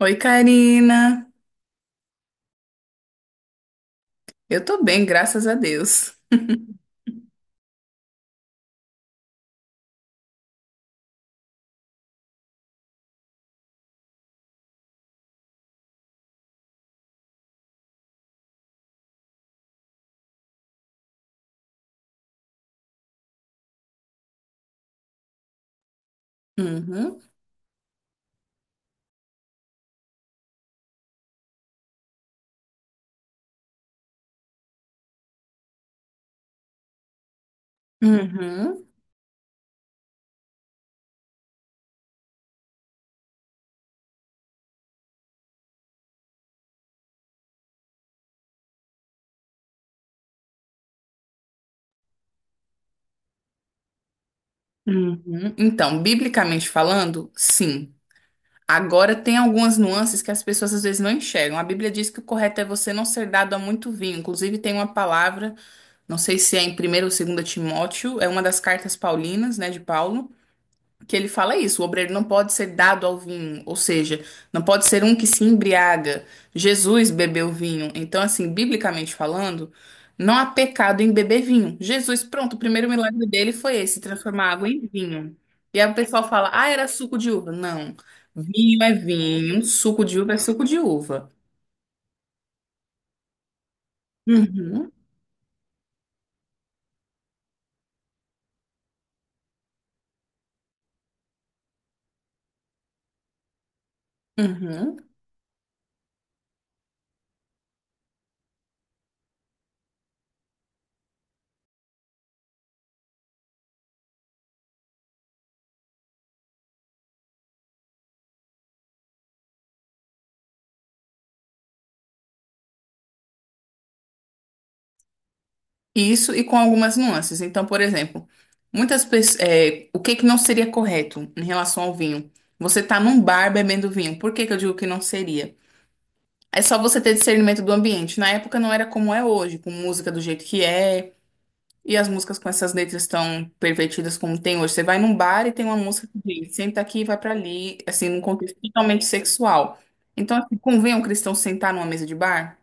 Oi, Karina. Eu tô bem, graças a Deus. Uhum, uhum, uhum. Então, biblicamente falando, sim. Agora, tem algumas nuances que as pessoas às vezes não enxergam. A Bíblia diz que o correto é você não ser dado a muito vinho. Inclusive, tem uma palavra, não sei se é em Primeiro ou Segundo Timóteo, é uma das cartas paulinas, né, de Paulo que ele fala isso, o obreiro não pode ser dado ao vinho, ou seja, não pode ser um que se embriaga. Jesus bebeu vinho. Então, assim, biblicamente falando, não há pecado em beber vinho. Jesus, pronto, o primeiro milagre dele foi esse, transformar água em vinho. E aí o pessoal fala, ah, era suco de uva. Não, vinho é vinho, suco de uva é suco de uva. Uhum, uhum. Isso e com algumas nuances. Então, por exemplo, muitas pessoas, o que que não seria correto em relação ao vinho? Você tá num bar bebendo vinho. Por que que eu digo que não seria? É só você ter discernimento do ambiente. Na época não era como é hoje, com música do jeito que é, e as músicas com essas letras tão pervertidas como tem hoje. Você vai num bar e tem uma música que diz, senta aqui e vai pra ali, assim, num contexto totalmente sexual. Então, assim, convém um cristão sentar numa mesa de bar?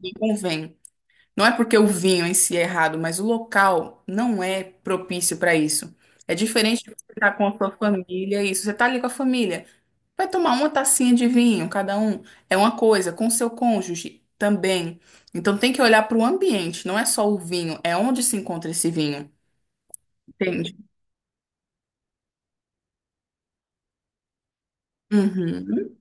Não convém. Não é porque o vinho em si é errado, mas o local não é propício para isso. É diferente de você estar com a sua família, isso. Você está ali com a família, vai tomar uma tacinha de vinho, cada um. É uma coisa, com seu cônjuge também. Então tem que olhar para o ambiente, não é só o vinho, é onde se encontra esse vinho. Entende? Uhum,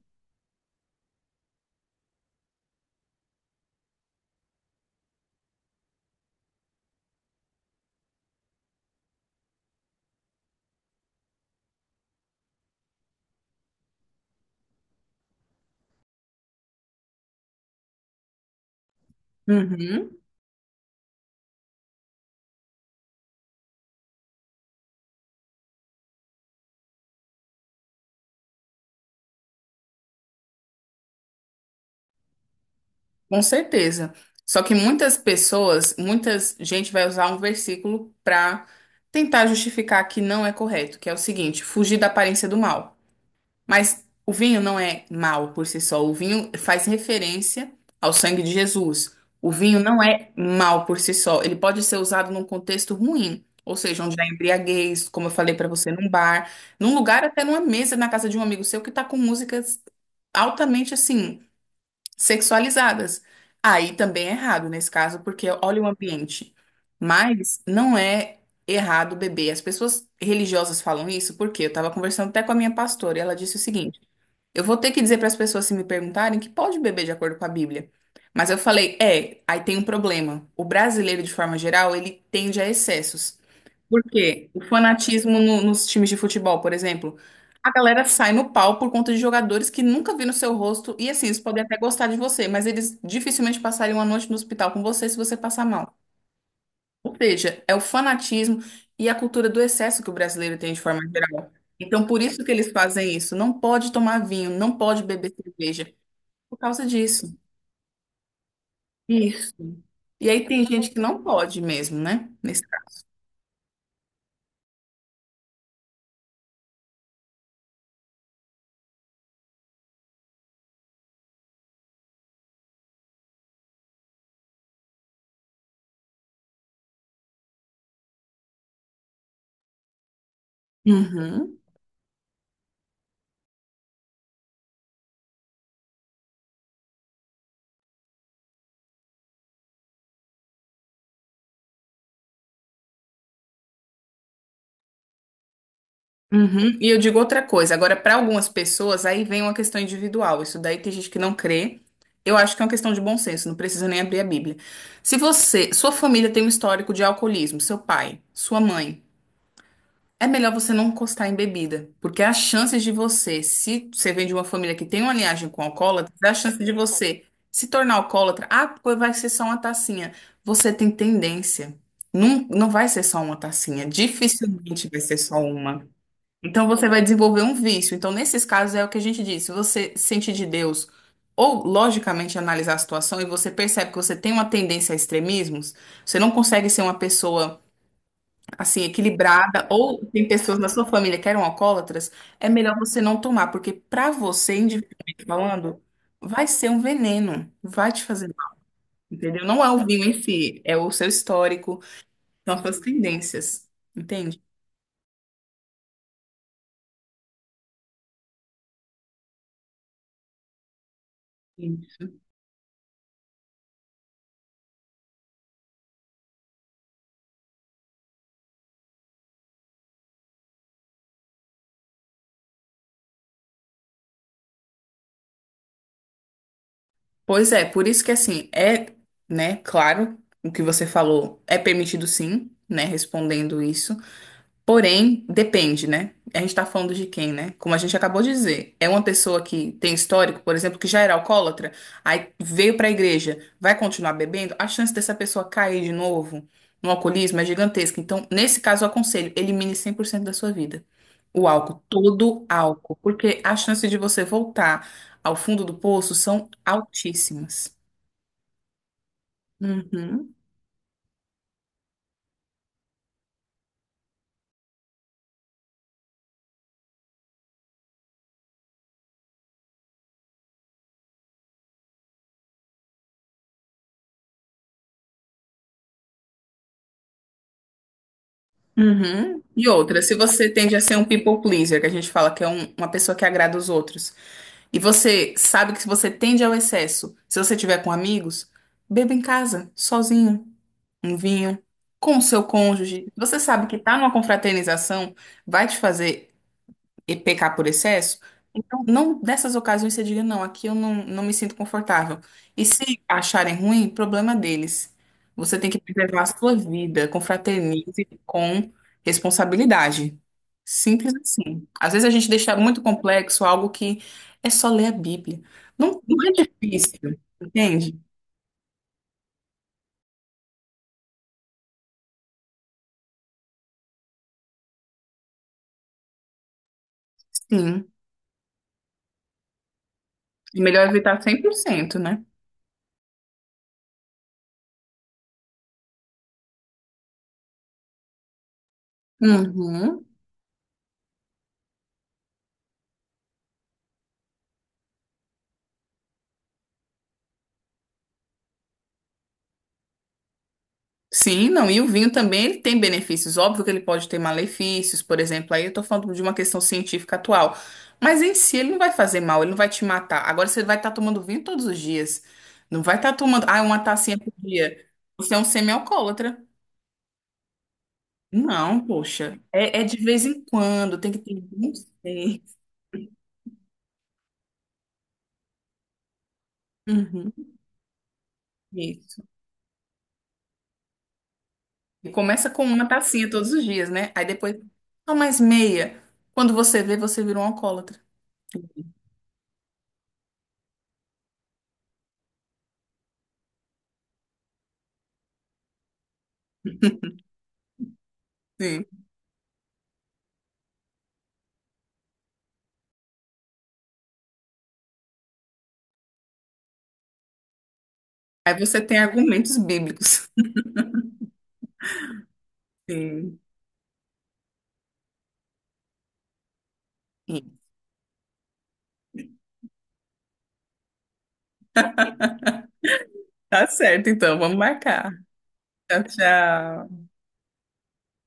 uhum. Com certeza. Só que muitas pessoas, muitas gente vai usar um versículo para tentar justificar que não é correto, que é o seguinte: fugir da aparência do mal. Mas o vinho não é mal por si só. O vinho faz referência ao sangue de Jesus. O vinho não é mal por si só. Ele pode ser usado num contexto ruim, ou seja, onde há embriaguez, como eu falei para você, num bar, num lugar, até numa mesa na casa de um amigo seu que está com músicas altamente assim sexualizadas. Aí também é errado nesse caso, porque olha o ambiente. Mas não é errado beber. As pessoas religiosas falam isso porque eu estava conversando até com a minha pastora e ela disse o seguinte: eu vou ter que dizer para as pessoas se me perguntarem que pode beber de acordo com a Bíblia. Mas eu falei, é, aí tem um problema. O brasileiro, de forma geral, ele tende a excessos. Porque o fanatismo nos times de futebol, por exemplo, a galera sai no pau por conta de jogadores que nunca viram seu rosto e assim, eles podem até gostar de você, mas eles dificilmente passariam uma noite no hospital com você se você passar mal. Ou seja, é o fanatismo e a cultura do excesso que o brasileiro tem de forma geral. Então, por isso que eles fazem isso. Não pode tomar vinho, não pode beber cerveja, por causa disso. Isso. E aí tem gente que não pode mesmo, né? Nesse caso. Uhum. Uhum. E eu digo outra coisa, agora para algumas pessoas aí vem uma questão individual, isso daí tem gente que não crê. Eu acho que é uma questão de bom senso, não precisa nem abrir a Bíblia. Se você, sua família tem um histórico de alcoolismo, seu pai, sua mãe, é melhor você não encostar em bebida, porque as chances de você, se você vem de uma família que tem uma linhagem com alcoólatra, a chance de você se tornar alcoólatra, ah, pô, vai ser só uma tacinha. Você tem tendência. Não, não vai ser só uma tacinha, dificilmente vai ser só uma. Então você vai desenvolver um vício. Então, nesses casos, é o que a gente diz. Se você sente de Deus ou logicamente analisar a situação e você percebe que você tem uma tendência a extremismos, você não consegue ser uma pessoa assim equilibrada ou tem pessoas na sua família que eram alcoólatras, é melhor você não tomar, porque para você, individualmente falando, vai ser um veneno, vai te fazer mal, entendeu? Não é o vinho em si, é o seu histórico, são as suas tendências, entende? Pois é, por isso que assim, é, né, claro, o que você falou é permitido sim, né, respondendo isso. Porém, depende, né? A gente tá falando de quem, né? Como a gente acabou de dizer, é uma pessoa que tem histórico, por exemplo, que já era alcoólatra, aí veio pra igreja, vai continuar bebendo, a chance dessa pessoa cair de novo no alcoolismo é gigantesca. Então, nesse caso, eu aconselho, elimine 100% da sua vida. O álcool, todo álcool, porque a chance de você voltar ao fundo do poço são altíssimas. Uhum, uhum. E outra, se você tende a ser um people pleaser, que a gente fala que é uma pessoa que agrada os outros, e você sabe que se você tende ao excesso, se você tiver com amigos, beba em casa, sozinho, um vinho, com o seu cônjuge. Você sabe que tá numa confraternização, vai te fazer e pecar por excesso. Então, não dessas ocasiões você diga, não, aqui eu não, não me sinto confortável. E se acharem ruim, problema deles. Você tem que preservar a sua vida, confraternize com responsabilidade. Simples assim. Às vezes a gente deixa muito complexo algo que é só ler a Bíblia. Não, não é difícil, entende? Sim. É melhor evitar 100%, né? Uhum. Sim, não, e o vinho também ele tem benefícios. Óbvio que ele pode ter malefícios, por exemplo, aí eu tô falando de uma questão científica atual. Mas em si ele não vai fazer mal, ele não vai te matar. Agora você vai estar tomando vinho todos os dias. Não vai estar tomando, ah, uma tacinha por dia. Você é um semi-alcoólatra. Não, poxa. É de vez em quando, tem que ter bom senso. Uhum, isso. E começa com uma tacinha todos os dias, né? Aí depois, só mais meia. Quando você vê, você vira um alcoólatra. Sim. Aí você tem argumentos bíblicos. Sim. Tá certo, então. Vamos marcar. Tchau, tchau.